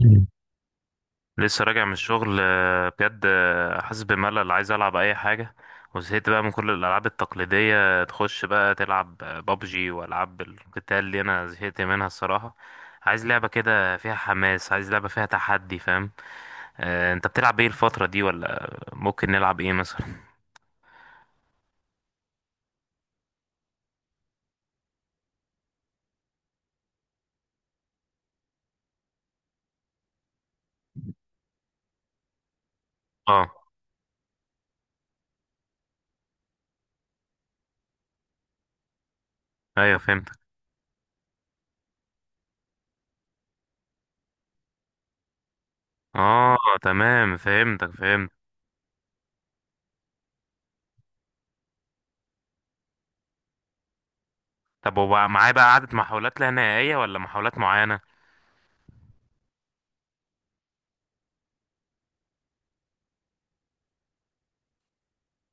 مم. لسه راجع من الشغل، بجد، حاسس بملل، عايز العب اي حاجه. وزهقت بقى من كل الالعاب التقليديه، تخش بقى تلعب بابجي والعاب القتال اللي انا زهقت منها الصراحه. عايز لعبه كده فيها حماس، عايز لعبه فيها تحدي، فاهم؟ انت بتلعب ايه الفتره دي؟ ولا ممكن نلعب ايه مثلا؟ اه، ايوه فهمتك. اه، تمام، فهمتك فهمت. طب وبقى معايا بقى عدد محاولات لا نهائيه ولا محاولات معينه؟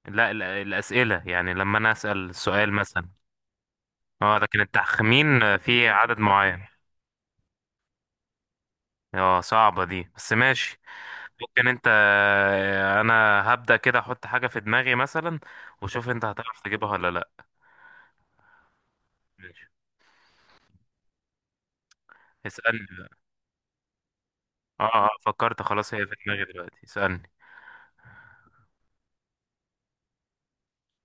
لا، الاسئله يعني، لما انا اسال سؤال مثلا. اه، لكن التخمين في عدد معين؟ اه، صعبة دي بس ماشي. ممكن. انت آه، انا هبدأ كده احط حاجة في دماغي مثلا، وشوف انت هتعرف تجيبها ولا لا. ماشي، اسألني بقى. اه اه، فكرت، خلاص هي في دماغي دلوقتي، اسألني.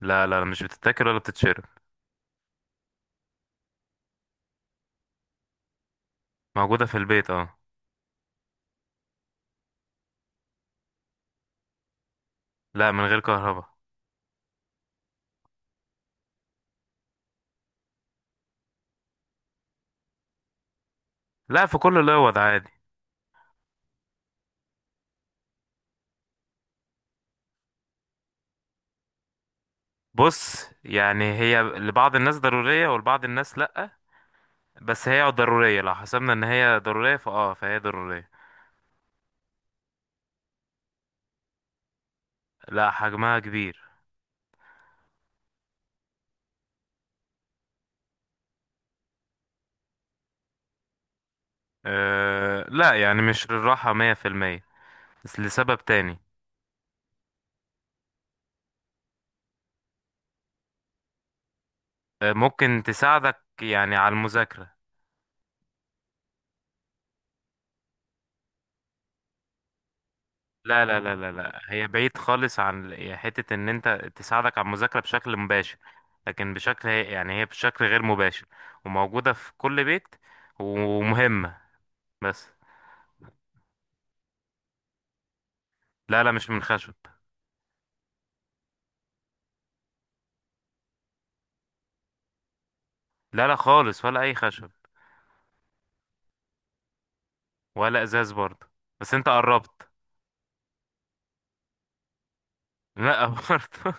لا لا لا، مش بتتاكل ولا بتتشرب. موجودة في البيت، اه. لا، من غير كهرباء. لا، في كل الاوض عادي. بص، يعني هي لبعض الناس ضرورية ولبعض الناس لا، بس هي ضرورية، لو حسبنا ان هي ضرورية فهي ضرورية. لا، حجمها كبير. أه لا، يعني مش للراحة مية في المية، بس لسبب تاني. أه، ممكن تساعدك يعني على المذاكرة. لا لا لا لا لا، هي بعيد خالص عن يعني حتة إن أنت تساعدك على المذاكرة بشكل مباشر، لكن بشكل يعني هي بشكل غير مباشر، وموجودة في كل بيت ومهمة بس. لا لا، مش من خشب. لا لا خالص، ولا أي خشب. ولا إزاز برضه، بس أنت قربت. لا برضه.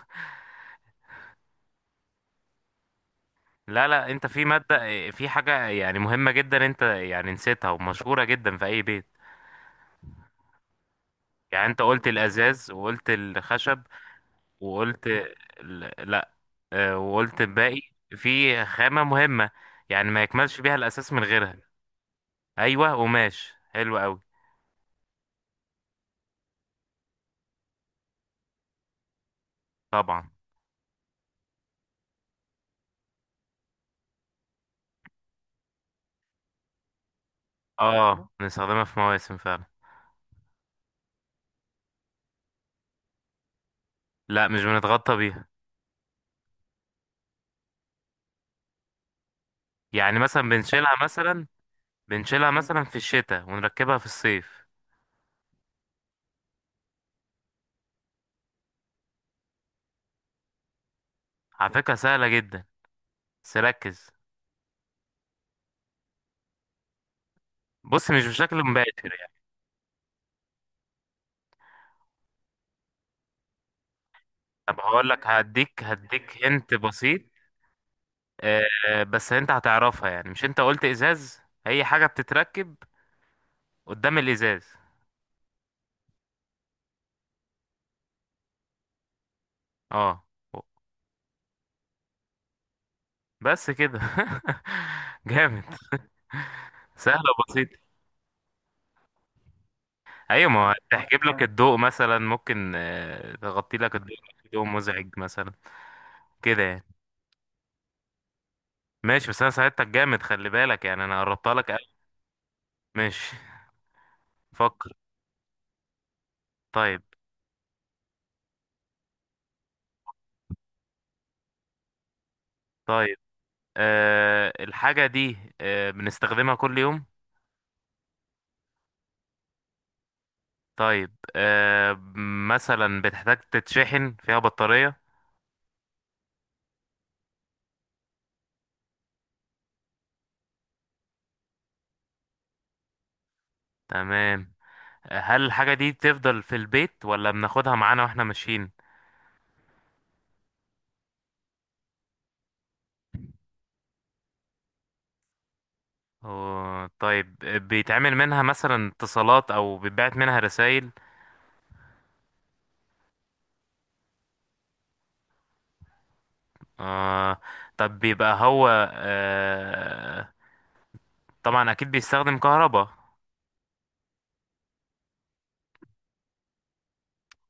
لا لا، انت في مادة آه، في حاجة يعني مهمة جدا، انت يعني نسيتها ومشهورة جدا في اي بيت. يعني انت قلت الازاز وقلت الخشب وقلت لا، اه، وقلت الباقي. في خامة مهمة، يعني ما يكملش بيها الاساس من غيرها. ايوه قماش، حلو قوي. طبعا. اه، بنستخدمها في مواسم فعلا. لا، مش بنتغطى بيها. يعني مثلا بنشيلها مثلا، بنشيلها مثلا في الشتاء ونركبها في الصيف. على فكرة سهلة جدا، بس ركز. بص، مش بشكل مباشر. طب هقول لك، هديك هنت بسيط. آه بس انت هتعرفها، يعني مش انت قلت ازاز. هي حاجة بتتركب قدام الازاز. اه. بس كده جامد. سهلة وبسيطة. ايوه، ما هو تحجب لك الضوء مثلا، ممكن تغطي لك الضوء، ضوء مزعج مثلا، كده يعني. ماشي، بس انا ساعدتك جامد، خلي بالك، يعني انا قربتها لك قوي. ماشي. فكر. طيب. طيب، الحاجة دي بنستخدمها كل يوم. طيب، مثلا بتحتاج تتشحن فيها بطارية. تمام. هل الحاجة دي تفضل في البيت ولا بناخدها معانا واحنا ماشيين؟ طيب، بيتعمل منها مثلا اتصالات او بيتبعت منها رسائل؟ آه طب بيبقى هو، آه طبعا اكيد بيستخدم كهرباء.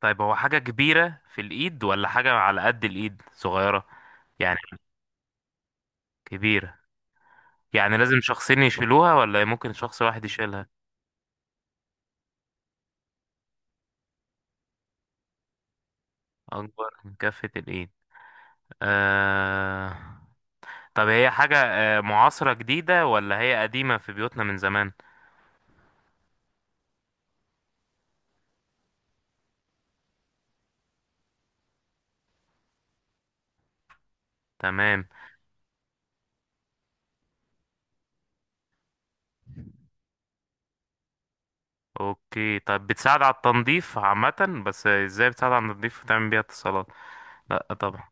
طيب، هو حاجة كبيرة في الايد ولا حاجة على قد الايد صغيرة؟ يعني كبيرة، يعني لازم شخصين يشيلوها ولا ممكن شخص واحد يشيلها؟ اكبر من كفة الايد. آه... طب هي حاجة معاصرة جديدة ولا هي قديمة في بيوتنا من زمان؟ تمام. اوكي، طب بتساعد على التنظيف عامة؟ بس ازاي بتساعد على التنظيف وتعمل بيها اتصالات؟ لا طبعا.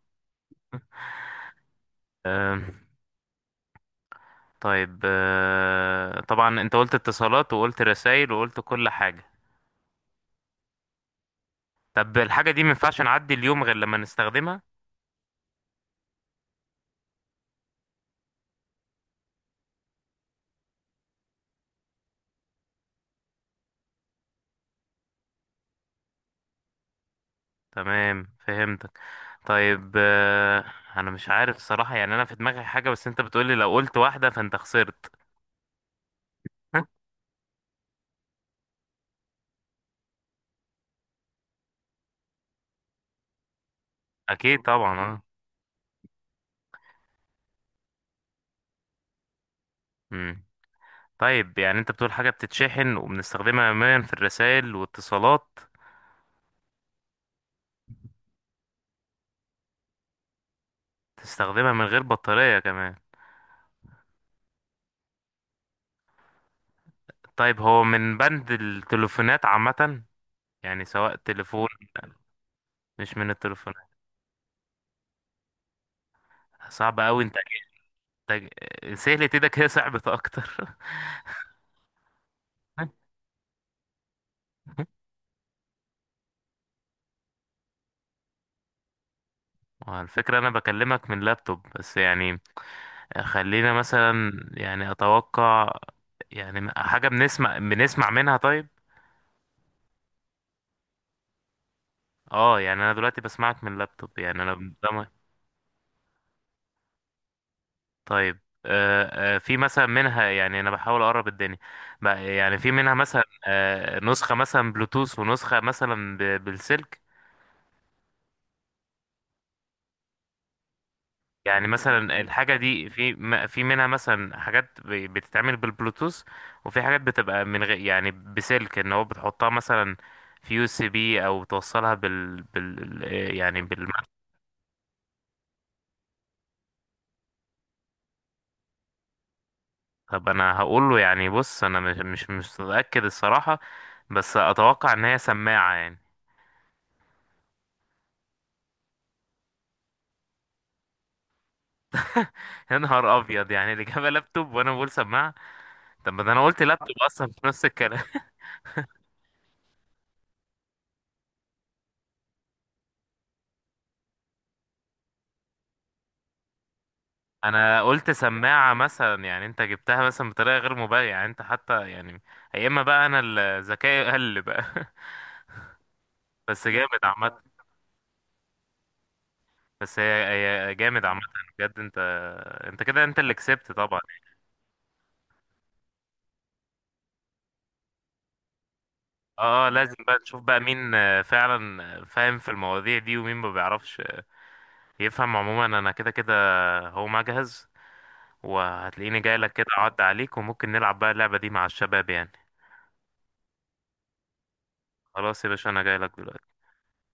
آه... طيب، طبعا انت قلت اتصالات وقلت رسائل وقلت كل حاجة. طب الحاجة دي مينفعش نعدي اليوم غير لما نستخدمها؟ تمام فهمتك. طيب، انا مش عارف الصراحة، يعني انا في دماغي حاجة، بس انت بتقولي لو قلت واحدة فانت خسرت. اكيد طبعا، اه. امم طيب، يعني انت بتقول حاجه بتتشحن وبنستخدمها يوميا في الرسائل والاتصالات؟ تستخدمها من غير بطاريه كمان؟ طيب، هو من بند التليفونات عامه، يعني سواء تليفون. مش من التليفونات. صعب قوي انت. انت سهلة، ايدك هي صعبة اكتر. وعلى الفكرة انا بكلمك من لابتوب، بس يعني خلينا مثلا، يعني اتوقع، يعني حاجة بنسمع منها؟ طيب. اه، يعني انا دلوقتي بسمعك من لابتوب، يعني انا ده. طيب. في مثلا منها، يعني انا بحاول اقرب الدنيا، يعني في منها مثلا نسخة مثلا بلوتوث، ونسخة مثلا بالسلك. يعني مثلا الحاجة دي في منها مثلا حاجات بتتعمل بالبلوتوث، وفي حاجات بتبقى من غير يعني بسلك، ان هو بتحطها مثلا في يو اس بي، او بتوصلها بال بال آه، يعني بال. طب انا هقول له، يعني بص انا مش متأكد الصراحة، بس اتوقع ان هي سماعة يعني. يا نهار ابيض، يعني اللي جاب لابتوب وانا بقول سماعه. طب ما ده انا قلت لابتوب اصلا في نص الكلام. انا قلت سماعه مثلا، يعني انت جبتها مثلا بطريقه غير مبالغه، يعني انت حتى يعني. يا اما بقى انا ذكائي قل بقى. بس جامد عامه. بس هي، هي جامد عامه. بجد انت. انت كده انت اللي كسبت طبعا. اه، لازم بقى نشوف بقى مين فعلا فاهم في المواضيع دي، ومين ما بيعرفش، يفهم عموما، انا كده كده هو مجهز، وهتلاقيني جاي لك كده اعد عليك، وممكن نلعب بقى اللعبه دي مع الشباب يعني. خلاص يا باشا، انا جاي لك دلوقتي.